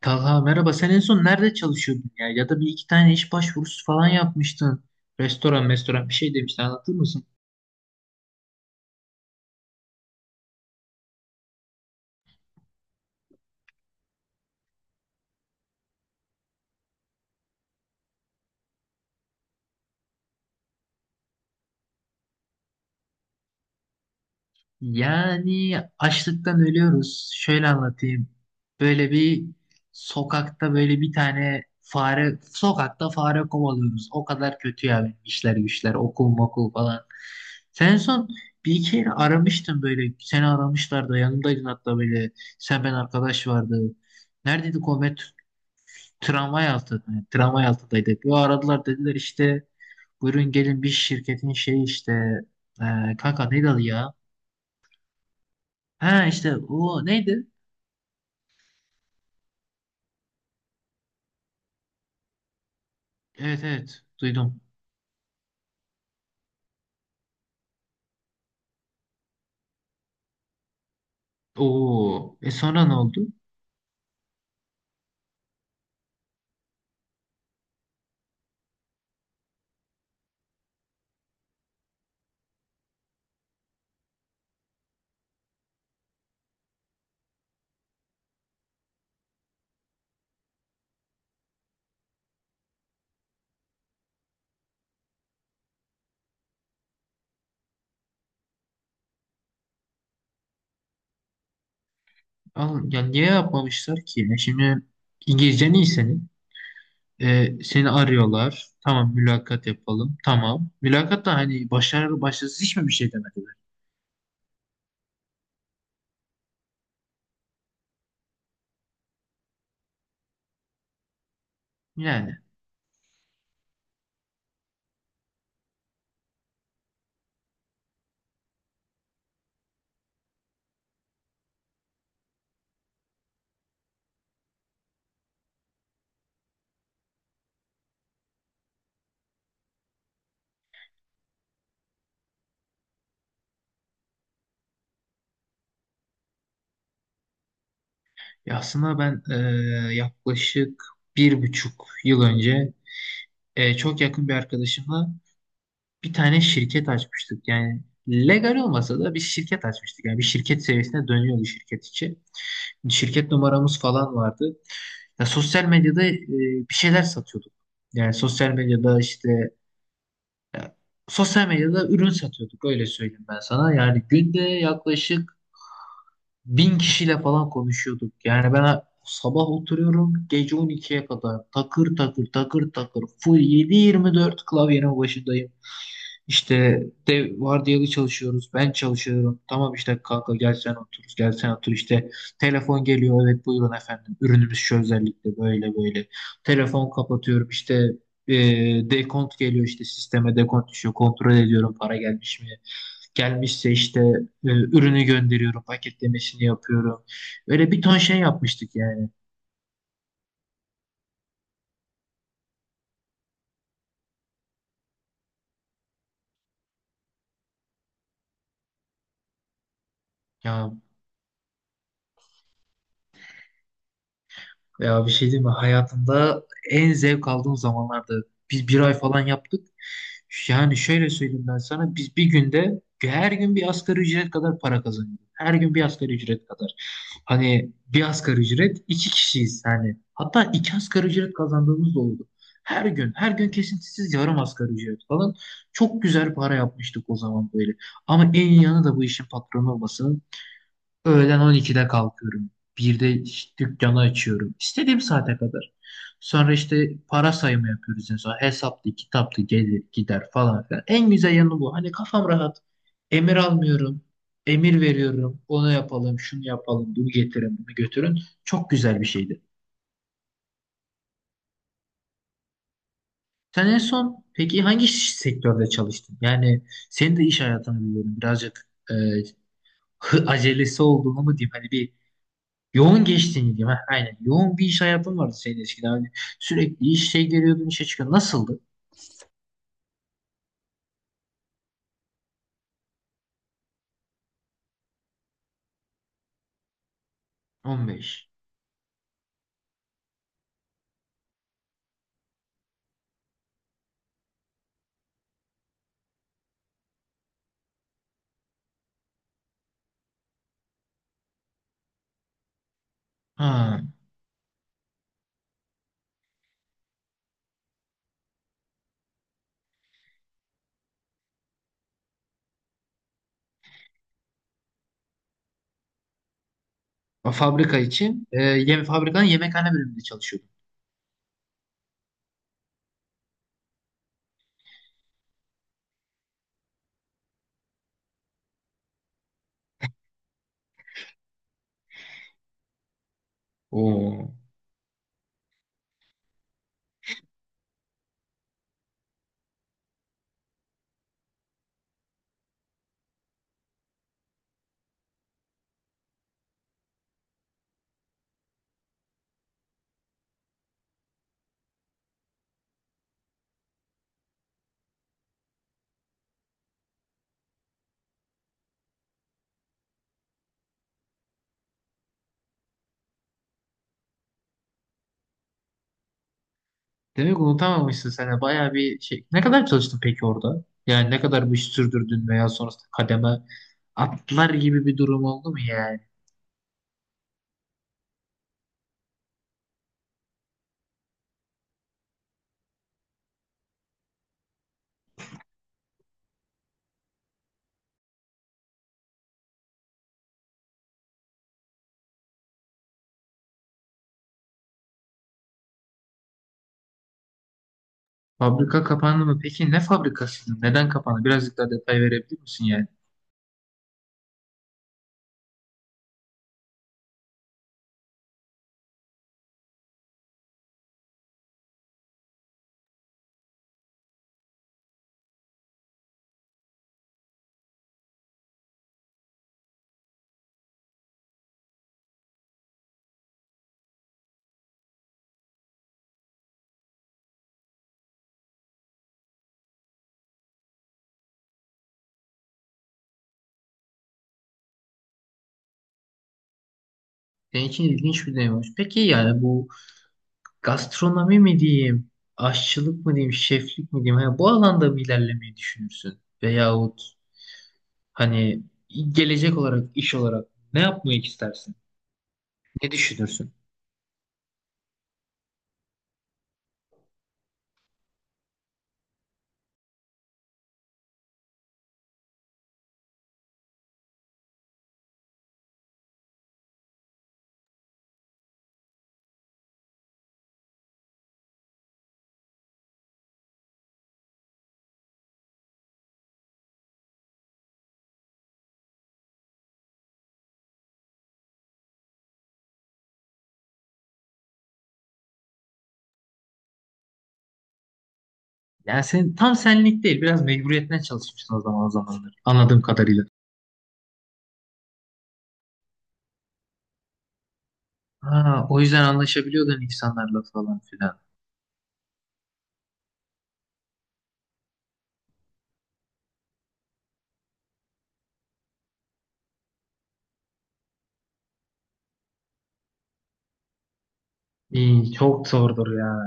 Talha merhaba. Sen en son nerede çalışıyordun ya? Ya da bir iki tane iş başvurusu falan yapmıştın. Restoran bir şey demiştin. Anlatır mısın? Yani açlıktan ölüyoruz. Şöyle anlatayım. Böyle bir sokakta böyle bir tane fare, sokakta fare kovalıyoruz. O kadar kötü ya benim işler güçler, okul mokul falan. Sen en son bir iki yere aramıştın böyle. Seni aramışlardı. Yanımdaydın hatta böyle. Sen ben arkadaş vardı. Neredeydi Komet? Tramvay altı, yani tramvay altındaydık. Yo aradılar dediler işte buyurun gelin bir şirketin şeyi işte kanka neydi adı ya? Ha işte o neydi? Evet evet duydum. Oo e sonra ne oldu? Al, ya niye yapmamışlar ki? Ya şimdi İngilizcen iyi senin. E, seni arıyorlar. Tamam mülakat yapalım. Tamam. Mülakat da hani başarılı başarısız hiç mi bir şey demediler? Yani ya aslında ben yaklaşık bir buçuk yıl önce çok yakın bir arkadaşımla bir tane şirket açmıştık. Yani legal olmasa da bir şirket açmıştık. Yani bir şirket seviyesine dönüyordu şirket içi. Şirket numaramız falan vardı. Ya sosyal medyada bir şeyler satıyorduk. Yani sosyal medyada işte e, sosyal medyada ürün satıyorduk öyle söyleyeyim ben sana. Yani günde yaklaşık 1000 kişiyle falan konuşuyorduk. Yani ben sabah oturuyorum gece 12'ye kadar takır takır takır takır full 7/24 klavyenin başındayım. İşte de vardiyalı çalışıyoruz. Ben çalışıyorum. Tamam işte kanka gel sen otur. Gel sen otur. İşte telefon geliyor. Evet buyurun efendim. Ürünümüz şu özellikle böyle böyle. Telefon kapatıyorum. İşte e, dekont geliyor işte sisteme dekont düşüyor. Kontrol ediyorum para gelmiş mi? Gelmişse işte ürünü gönderiyorum. Paketlemesini yapıyorum. Öyle bir ton şey yapmıştık yani. Ya Ya, bir şey diyeyim mi? Hayatımda en zevk aldığım zamanlarda biz bir ay falan yaptık. Yani şöyle söyleyeyim ben sana. Biz bir günde her gün bir asgari ücret kadar para kazanıyorduk. Her gün bir asgari ücret kadar. Hani bir asgari ücret iki kişiyiz yani. Hatta iki asgari ücret kazandığımız da oldu. Her gün, her gün kesintisiz yarım asgari ücret falan. Çok güzel para yapmıştık o zaman böyle. Ama en iyi yanı da bu işin patronu olması. Öğlen 12'de kalkıyorum. 1'de dükkanı açıyorum. İstediğim saate kadar. Sonra işte para sayımı yapıyoruz en son. Hesaplı, kitaplı gelir gider falan filan. En güzel yanı bu. Hani kafam rahat. Emir almıyorum. Emir veriyorum. Onu yapalım, şunu yapalım, bunu getirin, bunu götürün. Çok güzel bir şeydi. Sen en son peki hangi sektörde çalıştın? Yani senin de iş hayatını biliyorum. Birazcık acelesi olduğunu mu diyeyim? Hani bir yoğun geçtiğini diyeyim. Heh, aynen. Yoğun bir iş hayatın vardı senin eskiden. Hani sürekli iş şey giriyordun, işe çıkıyordun. Nasıldı? 15. Ha. O fabrika için fabrikanın yemekhane bölümünde çalışıyordun. Oo. Demek unutamamışsın sen de. Bayağı bir şey. Ne kadar çalıştın peki orada? Yani ne kadar bu işi sürdürdün veya sonrasında kademe atlar gibi bir durum oldu mu yani? Fabrika kapandı mı? Peki ne fabrikasıydı? Neden kapandı? Birazcık daha detay verebilir misin yani? Senin için ilginç bir deneyim olmuş. Peki yani bu gastronomi mi diyeyim, aşçılık mı diyeyim, şeflik mi diyeyim, hani bu alanda mı ilerlemeyi düşünürsün? Veyahut hani gelecek olarak, iş olarak ne yapmayı istersin? Ne düşünürsün? Yani senin tam senlik değil, biraz mecburiyetten çalışmışsın o zaman o zamanlar. Anladığım kadarıyla. Ha, o yüzden anlaşabiliyordun insanlarla falan filan. İyi, çok zordur ya.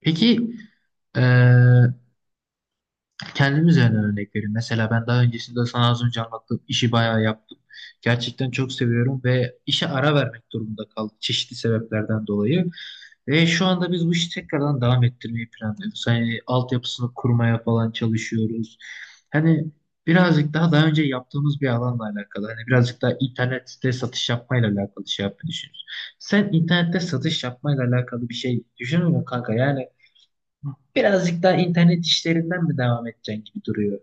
Peki, eee, Kendim üzerinden örnek vereyim. Mesela ben daha öncesinde sana az önce anlattığım işi bayağı yaptım. Gerçekten çok seviyorum ve işe ara vermek durumunda kaldım çeşitli sebeplerden dolayı. Ve şu anda biz bu işi tekrardan devam ettirmeyi planlıyoruz. Hani altyapısını kurmaya falan çalışıyoruz. Hani birazcık daha önce yaptığımız bir alanla alakalı. Hani birazcık daha internette satış yapmayla alakalı şey yapmayı düşünüyoruz. Sen internette satış yapmayla alakalı bir şey düşünüyor musun kanka? Yani birazcık daha internet işlerinden mi devam edeceksin gibi duruyor.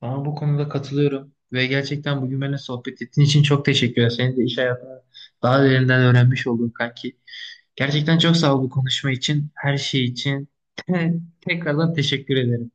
Ama bu konuda katılıyorum ve gerçekten bugün benimle sohbet ettiğin için çok teşekkür ederim. Senin de iş hayatını daha derinden öğrenmiş oldum kanki. Gerçekten çok sağ ol bu konuşma için, her şey için. Tekrardan teşekkür ederim.